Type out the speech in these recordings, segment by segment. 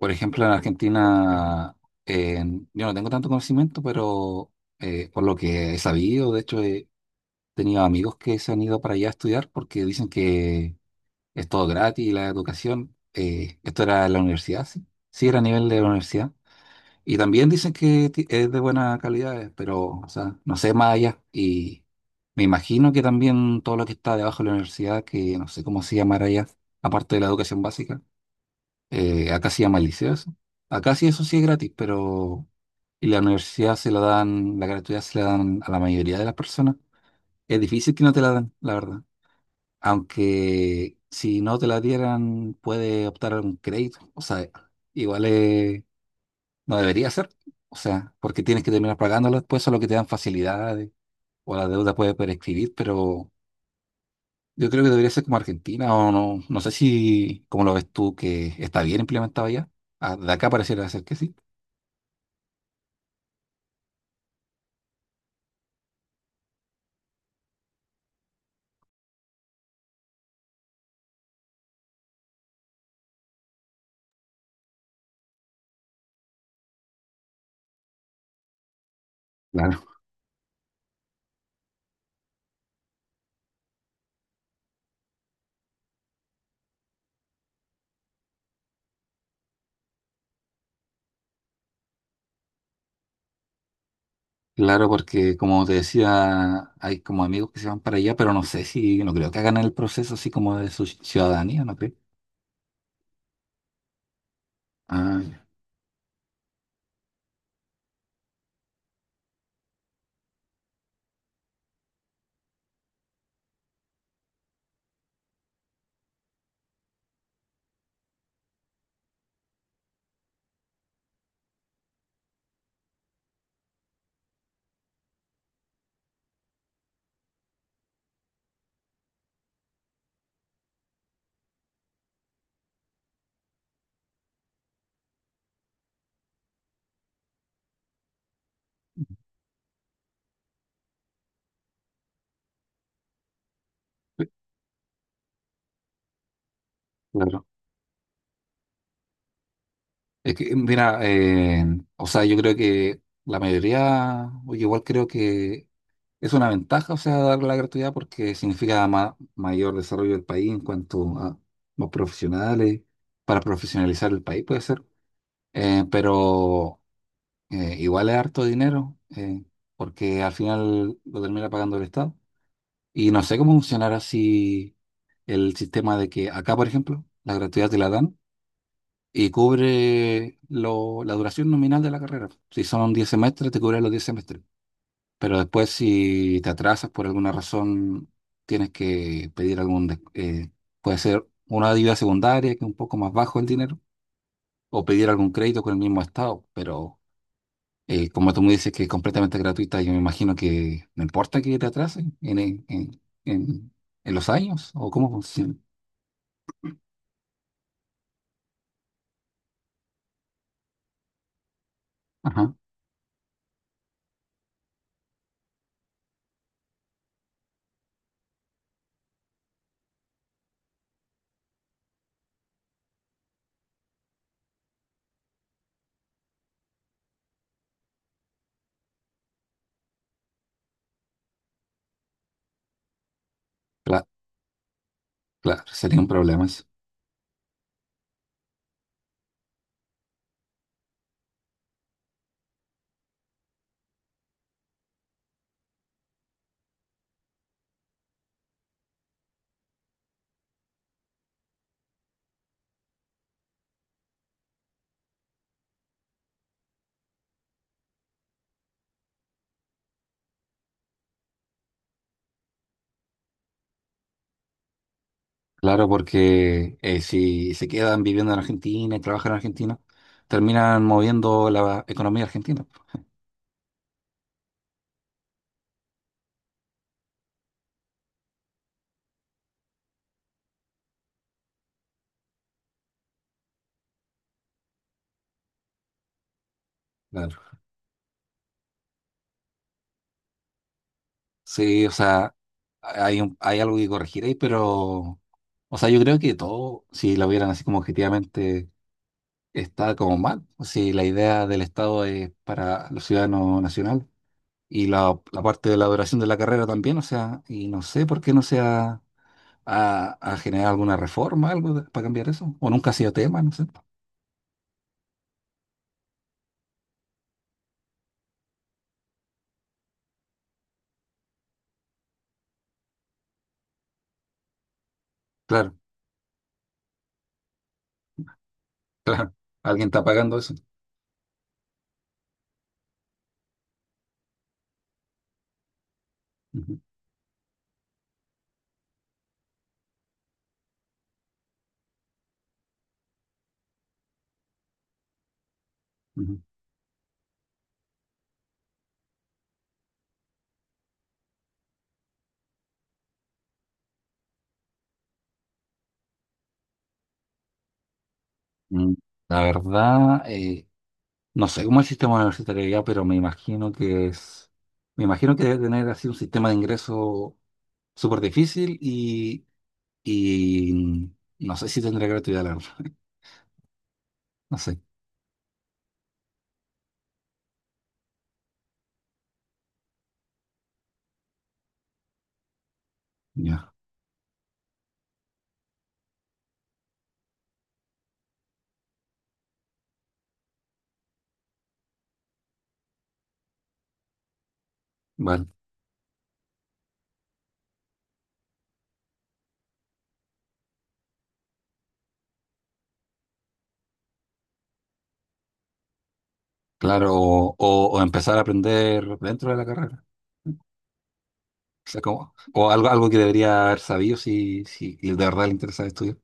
Por ejemplo, en Argentina, eh, yo no tengo tanto conocimiento, pero por lo que he sabido, de hecho, he tenido amigos que se han ido para allá a estudiar porque dicen que es todo gratis la educación. Esto era en la universidad, sí. Sí, era a nivel de la universidad. Y también dicen que es de buena calidad, pero, o sea, no sé más allá. Y me imagino que también todo lo que está debajo de la universidad, que no sé cómo se llamará allá, aparte de la educación básica. Acá se llama liceo eso. Acá sí eso sí es gratis, pero y la universidad se la dan, la gratuidad se la dan a la mayoría de las personas. Es difícil que no te la dan, la verdad. Aunque si no te la dieran, puede optar a un crédito. O sea, igual no debería ser. O sea, porque tienes que terminar pagándola después, solo que te dan facilidades o la deuda puede prescribir, pero yo creo que debería ser como Argentina o no. No sé si, como lo ves tú, que está bien implementado ya. Ah, de acá pareciera ser que sí. Claro, claro, porque como te decía, hay como amigos que se van para allá, pero no sé si, no creo que hagan el proceso así como de su ciudadanía, ¿no crees? Ah, ya. Claro. Es que, mira, o sea, yo creo que la mayoría, oye, igual creo que es una ventaja, o sea, dar la gratuidad porque significa mayor desarrollo del país en cuanto a los profesionales, para profesionalizar el país, puede ser. Eh, pero igual es harto dinero, porque al final lo termina pagando el Estado. Y no sé cómo funcionará si el sistema de que acá, por ejemplo, la gratuidad te la dan y cubre la duración nominal de la carrera. Si son 10 semestres, te cubre los 10 semestres. Pero después, si te atrasas por alguna razón, tienes que pedir algún... puede ser una ayuda secundaria, que es un poco más bajo el dinero, o pedir algún crédito con el mismo Estado, pero... como tú me dices que es completamente gratuita, yo me imagino que no importa que te atrasen en- en los años o cómo funciona. Ajá, claro, claro, sería un problema eso. Claro, porque si se quedan viviendo en Argentina y trabajan en Argentina, terminan moviendo la economía argentina, pues. Claro. Sí, o sea, hay algo que corregir ahí, pero, o sea, yo creo que todo, si lo vieran así como objetivamente está como mal. Si la idea del Estado es para los ciudadanos nacionales y la parte de la duración de la carrera también, o sea, y no sé por qué no se ha a generar alguna reforma, para cambiar eso, o nunca ha sido tema, no sé. Claro, claro, alguien está pagando eso. Ujú, ujú. Mm, La verdad, no sé cómo es el sistema universitario ya, pero me imagino que debe tener así un sistema de ingreso súper difícil y no sé si tendré gratuidad, la verdad. No sé. Ya. Vale. Claro, o empezar a aprender dentro de la carrera. O sea, como, o algo que debería haber sabido si, si de verdad le interesa estudiar.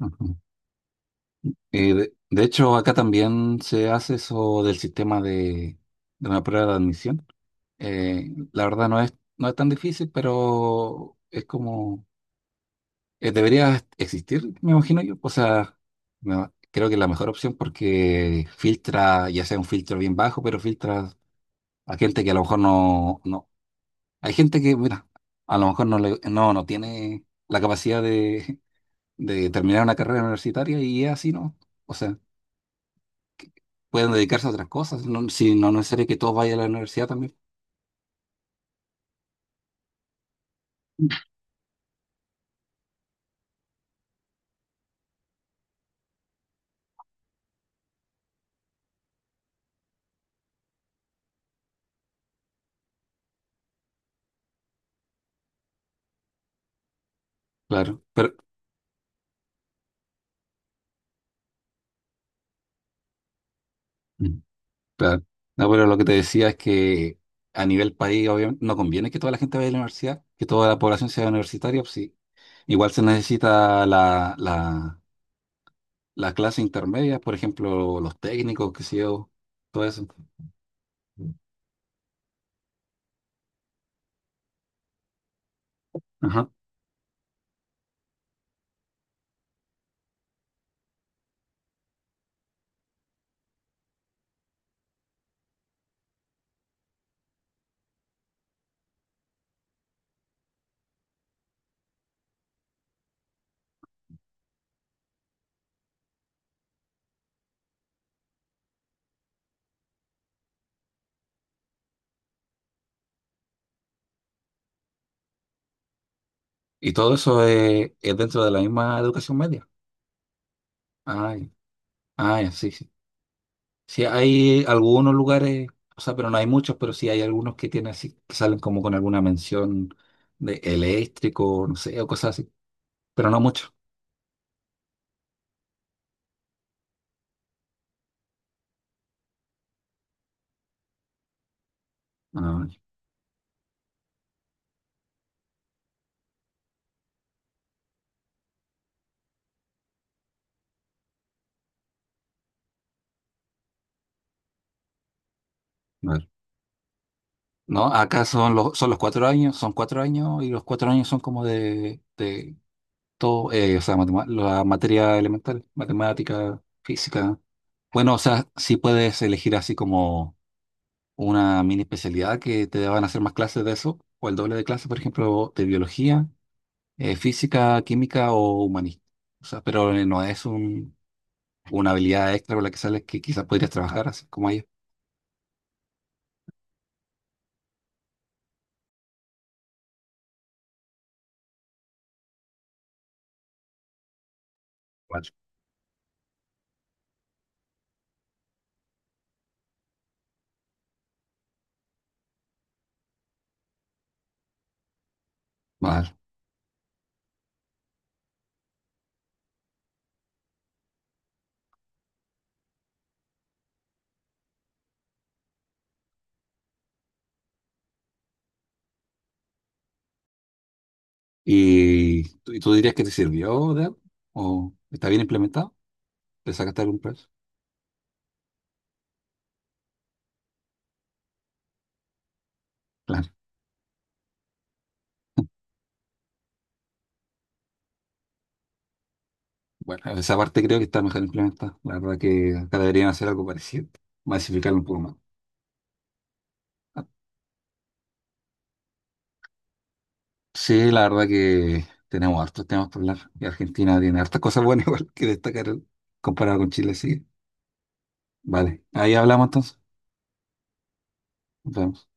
Ujú. De hecho, acá también se hace eso del sistema de una prueba de admisión. Eh, la verdad no es tan difícil, pero es como debería existir, me imagino yo. O sea, no, creo que es la mejor opción porque filtra, ya sea un filtro bien bajo, pero filtra a gente que a lo mejor no, no. Hay gente que, mira, a lo mejor no tiene la capacidad de terminar una carrera universitaria y es así, ¿no? O sea, pueden dedicarse a otras cosas, no, si no no es necesario que todos vayan a la universidad también. Claro, pero... Claro. No, pero lo que te decía es que a nivel país, obviamente, no conviene que toda la gente vaya a la universidad, que toda la población sea universitaria, pues sí. Igual se necesita la clase intermedia, por ejemplo, los técnicos, qué sé yo, todo eso. Ajá. Y todo eso es dentro de la misma educación media. Ay, ay, sí, sí. Sí, hay algunos lugares, o sea, pero no hay muchos, pero sí hay algunos que tienen así, que salen como con alguna mención de eléctrico, no sé, o cosas así, pero no muchos. Ah, vale. No, acá son son los 4 años, son 4 años y los 4 años son como de, todo, o sea, la materia elemental, matemática, física. Bueno, o sea, sí puedes elegir así como una mini especialidad que te van a hacer más clases de eso, o el doble de clases, por ejemplo, de biología, física, química o humanista. O sea, pero no es un, una habilidad extra con la que sales que quizás podrías trabajar así como ellos. Vale. Vale. Y tú dirías que te sirvió de algo? ¿O está bien implementado? ¿Le sacaste algún precio? Claro. Bueno, esa parte creo que está mejor implementada. La verdad que acá deberían hacer algo parecido. Masificarlo un poco más. Ah, sí, la verdad que tenemos hartos temas por hablar. Y Argentina tiene hartas cosas buenas igual que destacar comparado con Chile, sí. Vale, ahí hablamos entonces. Nos vemos.